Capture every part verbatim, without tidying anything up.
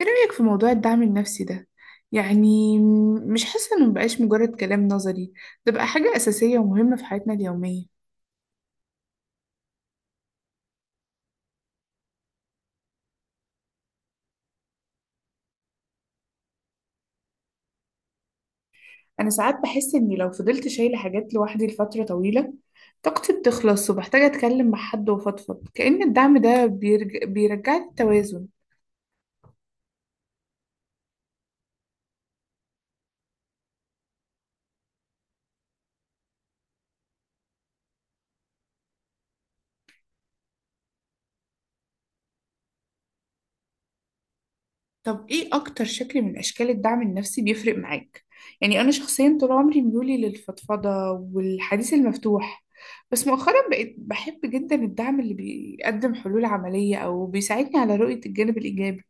ايه رأيك في موضوع الدعم النفسي ده؟ يعني م- مش حاسة انه مبقاش مجرد كلام نظري، ده بقى حاجة أساسية ومهمة في حياتنا اليومية. أنا ساعات بحس إني لو فضلت شايلة حاجات لوحدي لفترة طويلة طاقتي بتخلص وبحتاج أتكلم مع حد وأفضفض، كأن الدعم ده بيرج... بيرجع التوازن. طب ايه اكتر شكل من اشكال الدعم النفسي بيفرق معاك؟ يعني انا شخصيا طول عمري ميولي للفضفضة والحديث المفتوح، بس مؤخرا بقيت بحب جدا الدعم اللي بيقدم حلول عملية او بيساعدني على رؤية الجانب الايجابي.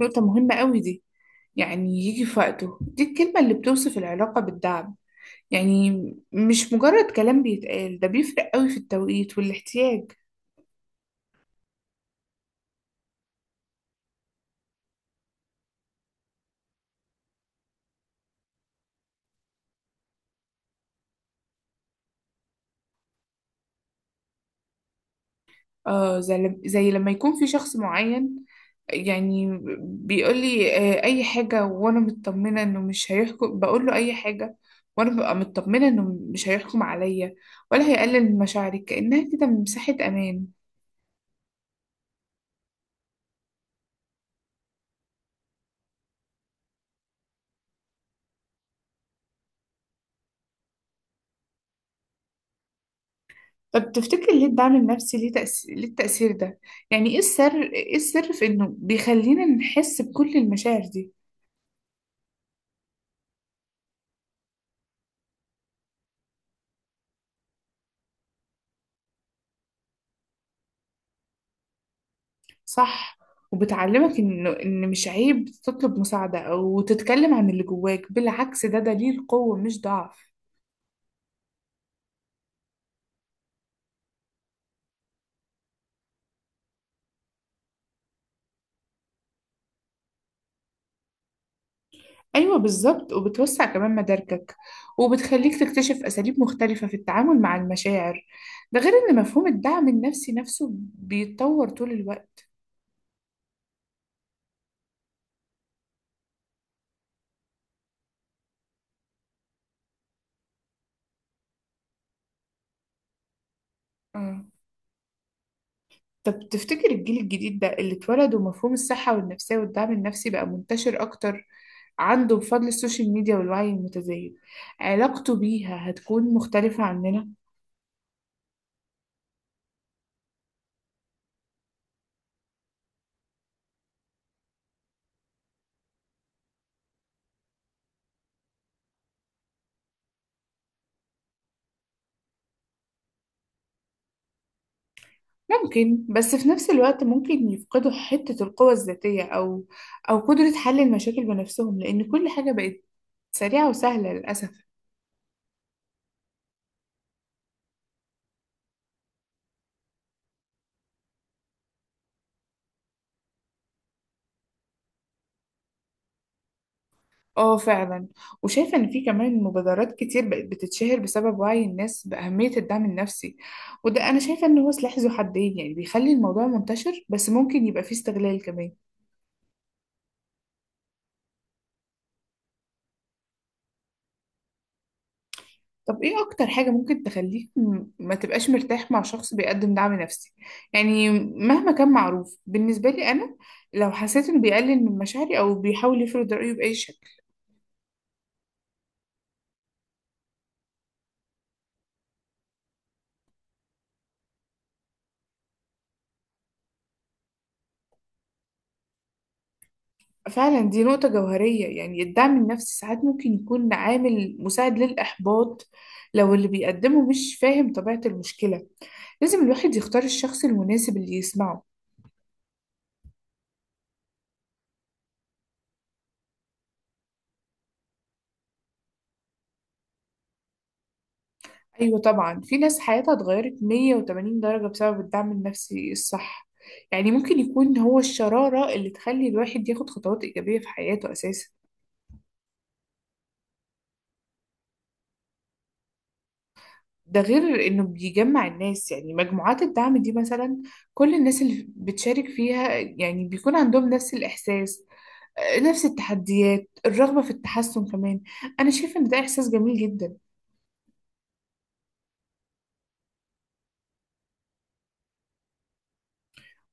نقطة مهمة قوي دي، يعني يجي في وقته، دي الكلمة اللي بتوصف العلاقة بالدعم. يعني مش مجرد كلام بيتقال، ده بيفرق قوي في التوقيت والاحتياج. اه، زي زي لما يكون في شخص معين يعني بيقول لي آه، اي حاجة وانا مطمنة انه مش هيحكم، بقول له اي حاجة وانا ببقى مطمنة انه مش هيحكم عليا ولا هيقلل من مشاعري، كأنها كده مساحة امان. طب تفتكر ليه الدعم النفسي ليه تأثير، ليه التأثير ده؟ يعني ايه السر، ايه السر في انه بيخلينا نحس بكل المشاعر دي؟ صح، وبتعلمك إنه إن مش عيب تطلب مساعدة أو تتكلم عن اللي جواك، بالعكس ده دليل قوة مش ضعف. أيوة بالظبط، وبتوسع كمان مداركك وبتخليك تكتشف أساليب مختلفة في التعامل مع المشاعر. ده غير إن مفهوم الدعم النفسي نفسه بيتطور طول الوقت. آه. طب تفتكر الجيل الجديد ده اللي اتولد ومفهوم الصحة والنفسية والدعم النفسي بقى منتشر أكتر عنده بفضل السوشيال ميديا والوعي المتزايد، علاقته بيها هتكون مختلفة عننا؟ ممكن، بس في نفس الوقت ممكن يفقدوا حتة القوة الذاتية أو أو قدرة حل المشاكل بنفسهم، لأن كل حاجة بقت سريعة وسهلة للأسف. اه فعلا، وشايفة إن في كمان مبادرات كتير بقت بتتشهر بسبب وعي الناس بأهمية الدعم النفسي. وده أنا شايفة إن هو سلاح ذو حدين، يعني بيخلي الموضوع منتشر بس ممكن يبقى فيه استغلال كمان. طب ايه اكتر حاجة ممكن تخليك م- ما تبقاش مرتاح مع شخص بيقدم دعم نفسي؟ يعني مهما كان معروف بالنسبة لي انا، لو حسيت انه بيقلل من مشاعري او بيحاول يفرض رأيه بأي شكل. فعلا دي نقطة جوهرية، يعني الدعم النفسي ساعات ممكن يكون عامل مساعد للإحباط لو اللي بيقدمه مش فاهم طبيعة المشكلة. لازم الواحد يختار الشخص المناسب اللي يسمعه. أيوة طبعا، في ناس حياتها اتغيرت مية وتمانين درجة بسبب الدعم النفسي الصح. يعني ممكن يكون هو الشرارة اللي تخلي الواحد ياخد خطوات إيجابية في حياته أساسا. ده غير إنه بيجمع الناس، يعني مجموعات الدعم دي مثلا كل الناس اللي بتشارك فيها يعني بيكون عندهم نفس الإحساس، آه، نفس التحديات، الرغبة في التحسن كمان. أنا شايفة إن ده إحساس جميل جدا.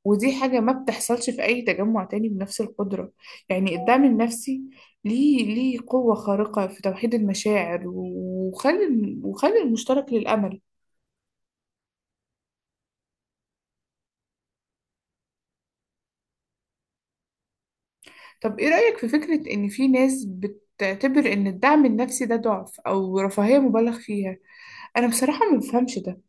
ودي حاجة ما بتحصلش في أي تجمع تاني بنفس القدرة. يعني الدعم النفسي ليه ليه قوة خارقة في توحيد المشاعر وخلي وخلي المشترك للأمل. طب إيه رأيك في فكرة إن في ناس بتعتبر إن الدعم النفسي ده ضعف أو رفاهية مبالغ فيها؟ أنا بصراحة ما بفهمش ده.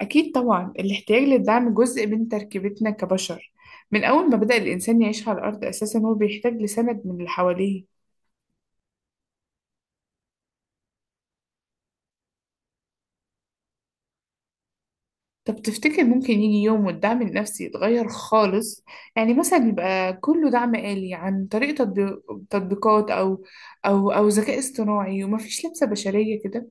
أكيد طبعا، الاحتياج للدعم جزء من تركيبتنا كبشر، من أول ما بدأ الإنسان يعيش على الأرض أساسا هو بيحتاج لسند من اللي حواليه. طب تفتكر ممكن يجي يوم والدعم النفسي يتغير خالص؟ يعني مثلا يبقى كله دعم آلي عن طريق تطبيق- تطبيقات أو أو أو ذكاء اصطناعي ومفيش لمسة بشرية كده؟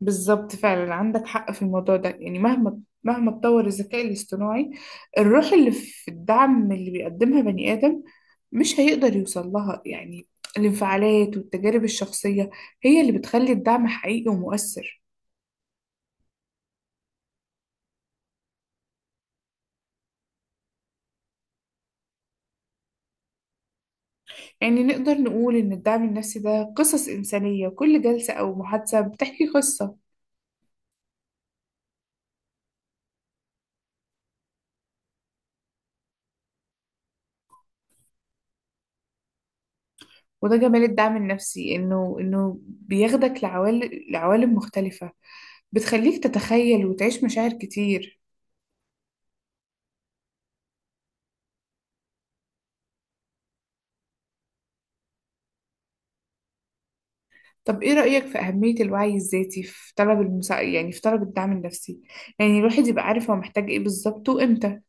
بالظبط، فعلا عندك حق في الموضوع ده. يعني مهما مهما اتطور الذكاء الاصطناعي، الروح اللي في الدعم اللي بيقدمها بني آدم مش هيقدر يوصل لها. يعني الانفعالات والتجارب الشخصية هي اللي بتخلي الدعم حقيقي ومؤثر. يعني نقدر نقول إن الدعم النفسي ده قصص إنسانية، كل جلسة أو محادثة بتحكي قصة. وده جمال الدعم النفسي، إنه إنه بياخدك لعوالم لعوالم مختلفة، بتخليك تتخيل وتعيش مشاعر كتير. طب إيه رأيك في أهمية الوعي الذاتي في طلب المسا... يعني في طلب الدعم النفسي؟ يعني الواحد يبقى عارف هو محتاج إيه بالظبط وإمتى.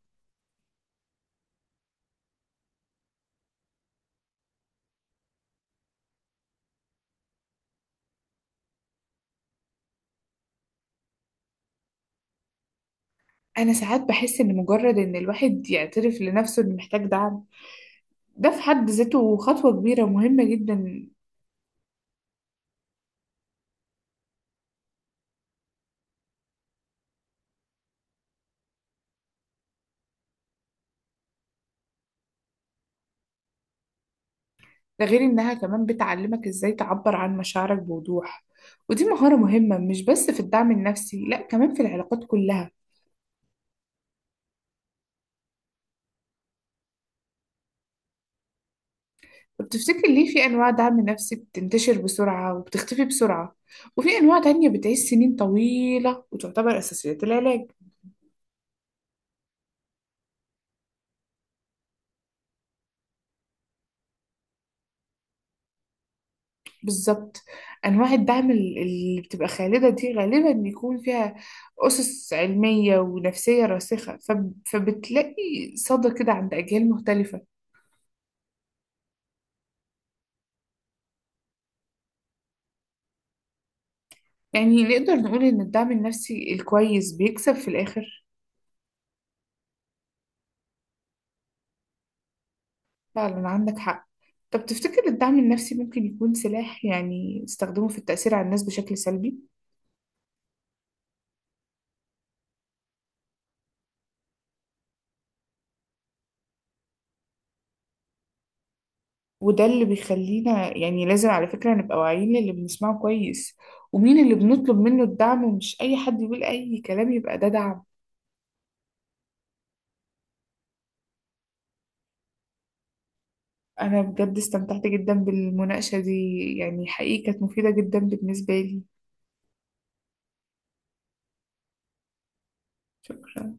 أنا ساعات بحس إن مجرد إن الواحد يعترف لنفسه إنه محتاج دعم، ده في حد ذاته خطوة كبيرة ومهمة جدا. ده غير إنها كمان بتعلمك إزاي تعبر عن مشاعرك بوضوح، ودي مهارة مهمة مش بس في الدعم النفسي، لأ كمان في العلاقات كلها. طب تفتكر ليه في أنواع دعم نفسي بتنتشر بسرعة وبتختفي بسرعة، وفي أنواع تانية بتعيش سنين طويلة وتعتبر أساسيات العلاج؟ بالظبط، أنواع الدعم ال- اللي بتبقى خالدة دي غالبا يكون فيها أسس علمية ونفسية راسخة، فب- فبتلاقي صدى كده عند أجيال مختلفة. يعني نقدر نقول إن الدعم النفسي الكويس بيكسب في الآخر. فعلا عندك حق. طب تفتكر الدعم النفسي ممكن يكون سلاح يعني استخدمه في التأثير على الناس بشكل سلبي؟ وده اللي بيخلينا يعني لازم على فكرة نبقى واعيين للي بنسمعه كويس، ومين اللي بنطلب منه الدعم، ومش أي حد يقول أي كلام يبقى ده دعم. أنا بجد استمتعت جدا بالمناقشة دي، يعني حقيقة كانت مفيدة جدا بالنسبة لي. شكرا.